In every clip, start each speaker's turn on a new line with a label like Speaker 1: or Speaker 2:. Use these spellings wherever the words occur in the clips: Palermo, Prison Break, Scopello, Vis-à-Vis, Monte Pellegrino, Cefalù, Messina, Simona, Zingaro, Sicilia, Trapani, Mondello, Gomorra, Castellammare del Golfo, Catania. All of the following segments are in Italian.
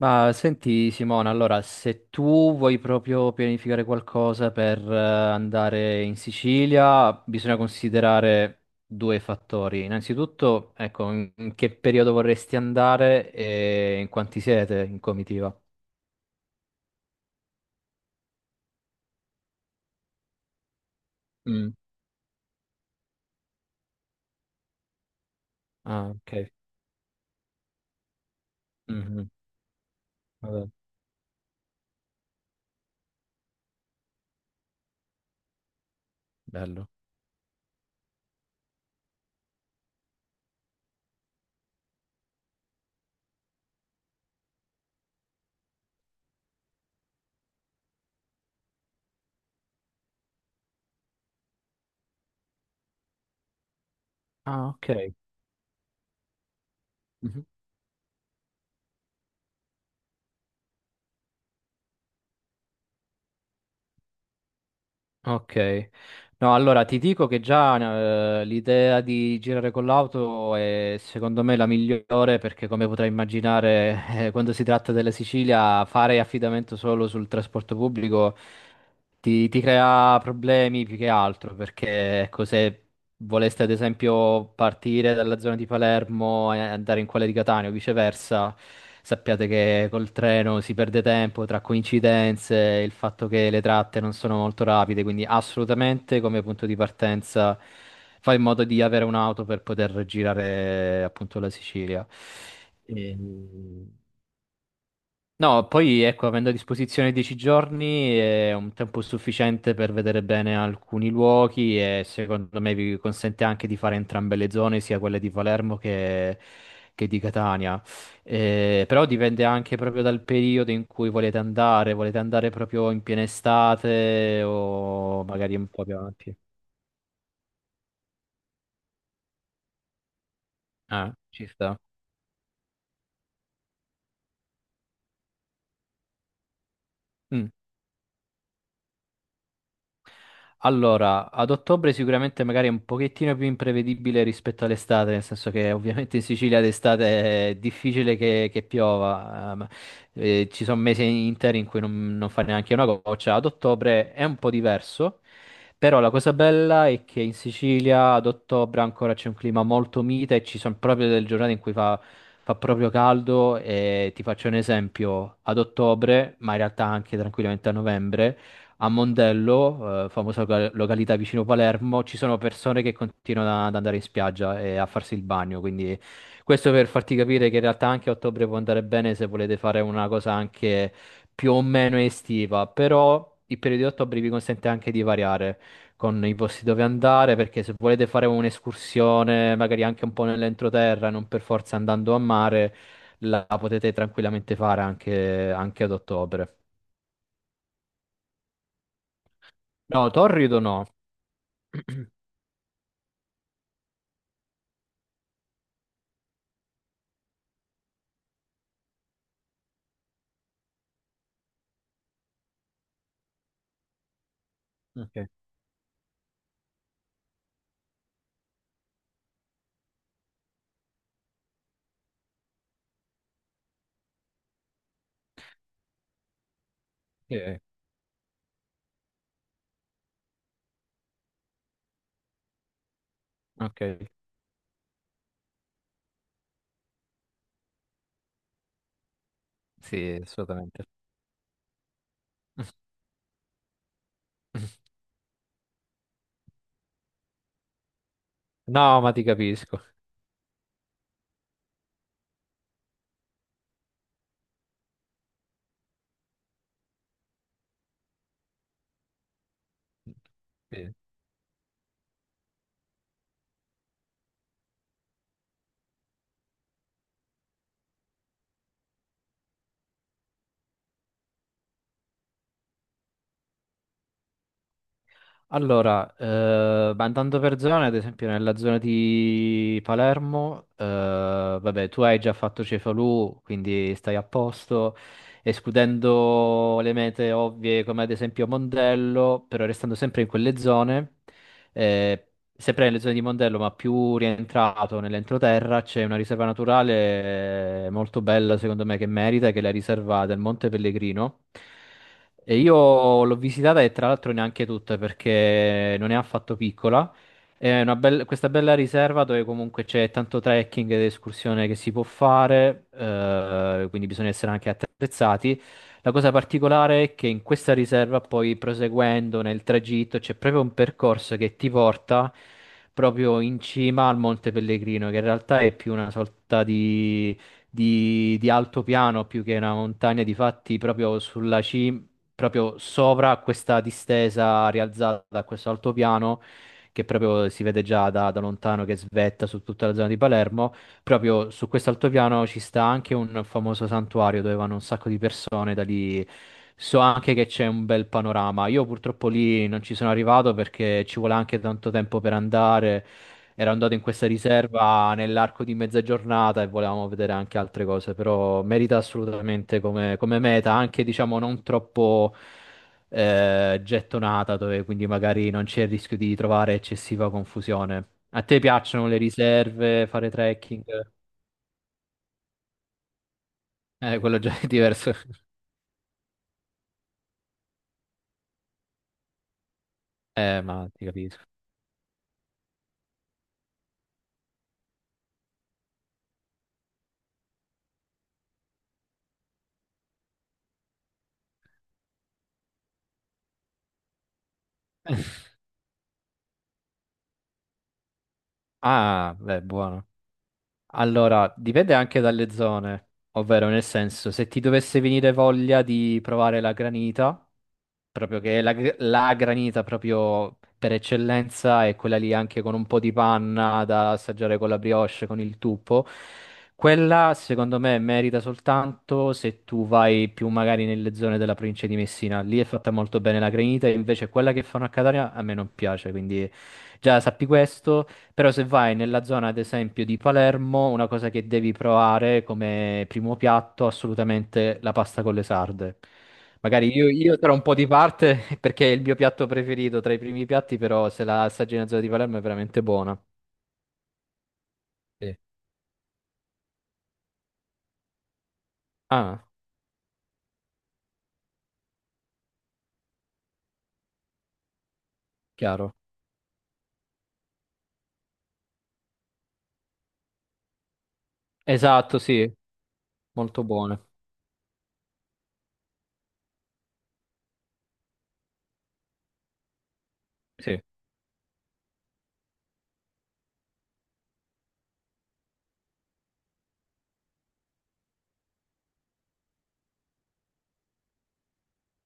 Speaker 1: Ma senti Simona, allora se tu vuoi proprio pianificare qualcosa per andare in Sicilia, bisogna considerare due fattori. Innanzitutto, ecco, in che periodo vorresti andare e in quanti siete in comitiva? Mm. Ah, ok. Mhm. Vabbè, bello. Ah, ok. Mhm. Ok, no, allora ti dico che già l'idea di girare con l'auto è secondo me la migliore perché come potrai immaginare quando si tratta della Sicilia fare affidamento solo sul trasporto pubblico ti crea problemi più che altro perché ecco, se voleste ad esempio partire dalla zona di Palermo e andare in quella di Catania o viceversa, sappiate che col treno si perde tempo tra coincidenze, il fatto che le tratte non sono molto rapide, quindi assolutamente come punto di partenza fai in modo di avere un'auto per poter girare appunto la Sicilia. Ehm, No, poi ecco, avendo a disposizione 10 giorni è un tempo sufficiente per vedere bene alcuni luoghi e secondo me vi consente anche di fare entrambe le zone, sia quelle di Palermo che di Catania. Però dipende anche proprio dal periodo in cui volete andare proprio in piena estate o magari un po' più avanti. Ah, ci sta. Mm. Allora, ad ottobre sicuramente magari è un pochettino più imprevedibile rispetto all'estate, nel senso che ovviamente in Sicilia d'estate è difficile che piova, ci sono mesi interi in cui non fa neanche una goccia, ad ottobre è un po' diverso, però la cosa bella è che in Sicilia ad ottobre ancora c'è un clima molto mite e ci sono proprio delle giornate in cui fa, fa proprio caldo e ti faccio un esempio, ad ottobre, ma in realtà anche tranquillamente a novembre. A Mondello, famosa località vicino Palermo, ci sono persone che continuano ad andare in spiaggia e a farsi il bagno, quindi questo per farti capire che in realtà anche a ottobre può andare bene se volete fare una cosa anche più o meno estiva, però il periodo di ottobre vi consente anche di variare con i posti dove andare, perché se volete fare un'escursione, magari anche un po' nell'entroterra, non per forza andando a mare, la potete tranquillamente fare anche ad ottobre. No, torrido no. Ok. Sì, ok, sì, assolutamente. No, ma ti capisco. Sì. Allora, ma andando per zone, ad esempio nella zona di Palermo, vabbè, tu hai già fatto Cefalù, quindi stai a posto, escludendo le mete ovvie come ad esempio Mondello, però restando sempre in quelle zone. Eh, sempre nelle zone di Mondello, ma più rientrato nell'entroterra, c'è una riserva naturale molto bella, secondo me, che merita, che è la riserva del Monte Pellegrino. E io l'ho visitata e tra l'altro neanche tutta perché non è affatto piccola. Questa bella riserva dove comunque c'è tanto trekking ed escursione che si può fare, quindi bisogna essere anche attrezzati. La cosa particolare è che in questa riserva, poi proseguendo nel tragitto, c'è proprio un percorso che ti porta proprio in cima al Monte Pellegrino, che in realtà è più una sorta di, di altopiano più che una montagna, di fatti proprio sulla cima, proprio sopra questa distesa rialzata da questo altopiano che proprio si vede già da lontano che svetta su tutta la zona di Palermo. Proprio su questo altopiano ci sta anche un famoso santuario dove vanno un sacco di persone, da lì so anche che c'è un bel panorama. Io purtroppo lì non ci sono arrivato perché ci vuole anche tanto tempo per andare. Ero andato in questa riserva nell'arco di mezza giornata e volevamo vedere anche altre cose, però merita assolutamente come, come meta, anche diciamo non troppo gettonata, dove quindi magari non c'è il rischio di trovare eccessiva confusione. A te piacciono le riserve, fare trekking? Quello già è diverso. Ma ti capisco. Ah, beh, buono. Allora, dipende anche dalle zone, ovvero nel senso, se ti dovesse venire voglia di provare la granita, proprio che la, gr- la granita proprio per eccellenza è quella lì anche con un po' di panna da assaggiare con la brioche, con il tuppo, quella secondo me merita soltanto se tu vai più magari nelle zone della provincia di Messina, lì è fatta molto bene la granita, invece quella che fanno a Catania a me non piace, quindi già sappi questo. Però se vai nella zona, ad esempio, di Palermo, una cosa che devi provare come primo piatto, assolutamente la pasta con le sarde. Magari io tra un po' di parte, perché è il mio piatto preferito tra i primi piatti, però se la assaggi nella zona di Palermo è veramente buona. Sì. Ah, chiaro. Esatto, sì, molto buona. Sì.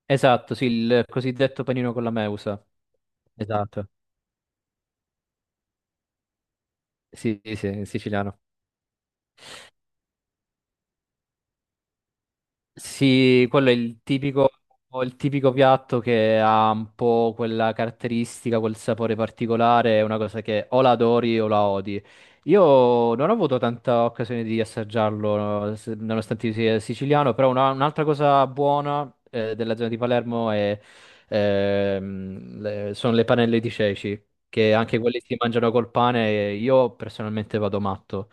Speaker 1: Esatto, sì, il cosiddetto panino con la meusa. Esatto. Sì, sì, sì, in siciliano. Sì, quello è il tipico piatto che ha un po' quella caratteristica, quel sapore particolare, è una cosa che o la adori o la odi. Io non ho avuto tanta occasione di assaggiarlo, no, nonostante io sia siciliano, però un'altra cosa buona della zona di Palermo è, sono le panelle di ceci, che anche quelle si mangiano col pane, e io personalmente vado matto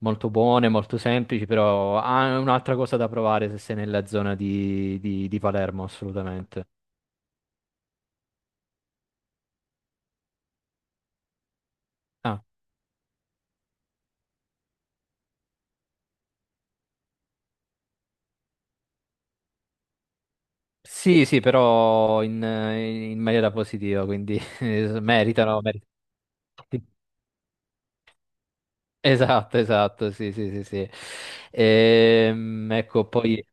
Speaker 1: molto buone, molto semplici, però ah, è un'altra cosa da provare se sei nella zona di, di Palermo, assolutamente. Ah, sì, sì, però in maniera positiva, quindi meritano, meritano. Esatto, esatto, sì, sì, sì, sì. Ecco, poi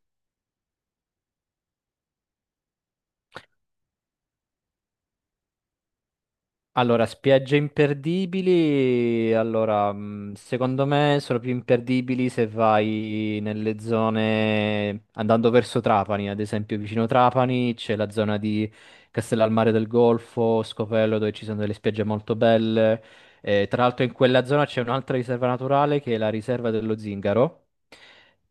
Speaker 1: Allora, spiagge imperdibili, allora, secondo me sono più imperdibili se vai nelle zone, andando verso Trapani, ad esempio vicino Trapani c'è la zona di Castellalmare del Golfo, Scopello, dove ci sono delle spiagge molto belle. Tra l'altro in quella zona c'è un'altra riserva naturale che è la riserva dello Zingaro,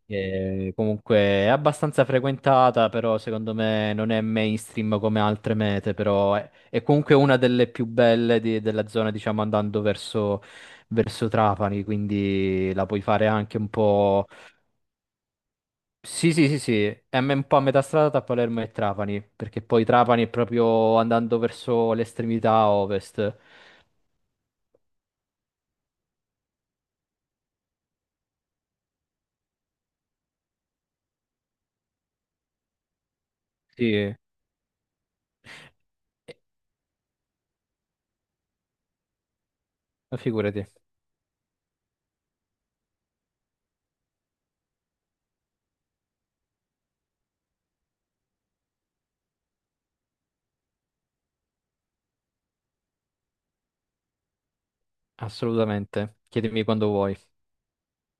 Speaker 1: che comunque è abbastanza frequentata, però secondo me non è mainstream come altre mete, però è comunque una delle più belle della zona, diciamo, andando verso, verso Trapani, quindi la puoi fare anche un po'... Sì, sì, sì, sì, un po' a metà strada tra Palermo e Trapani, perché poi Trapani è proprio andando verso l'estremità ovest. Sì, eh, figurati, assolutamente. Chiedimi quando vuoi.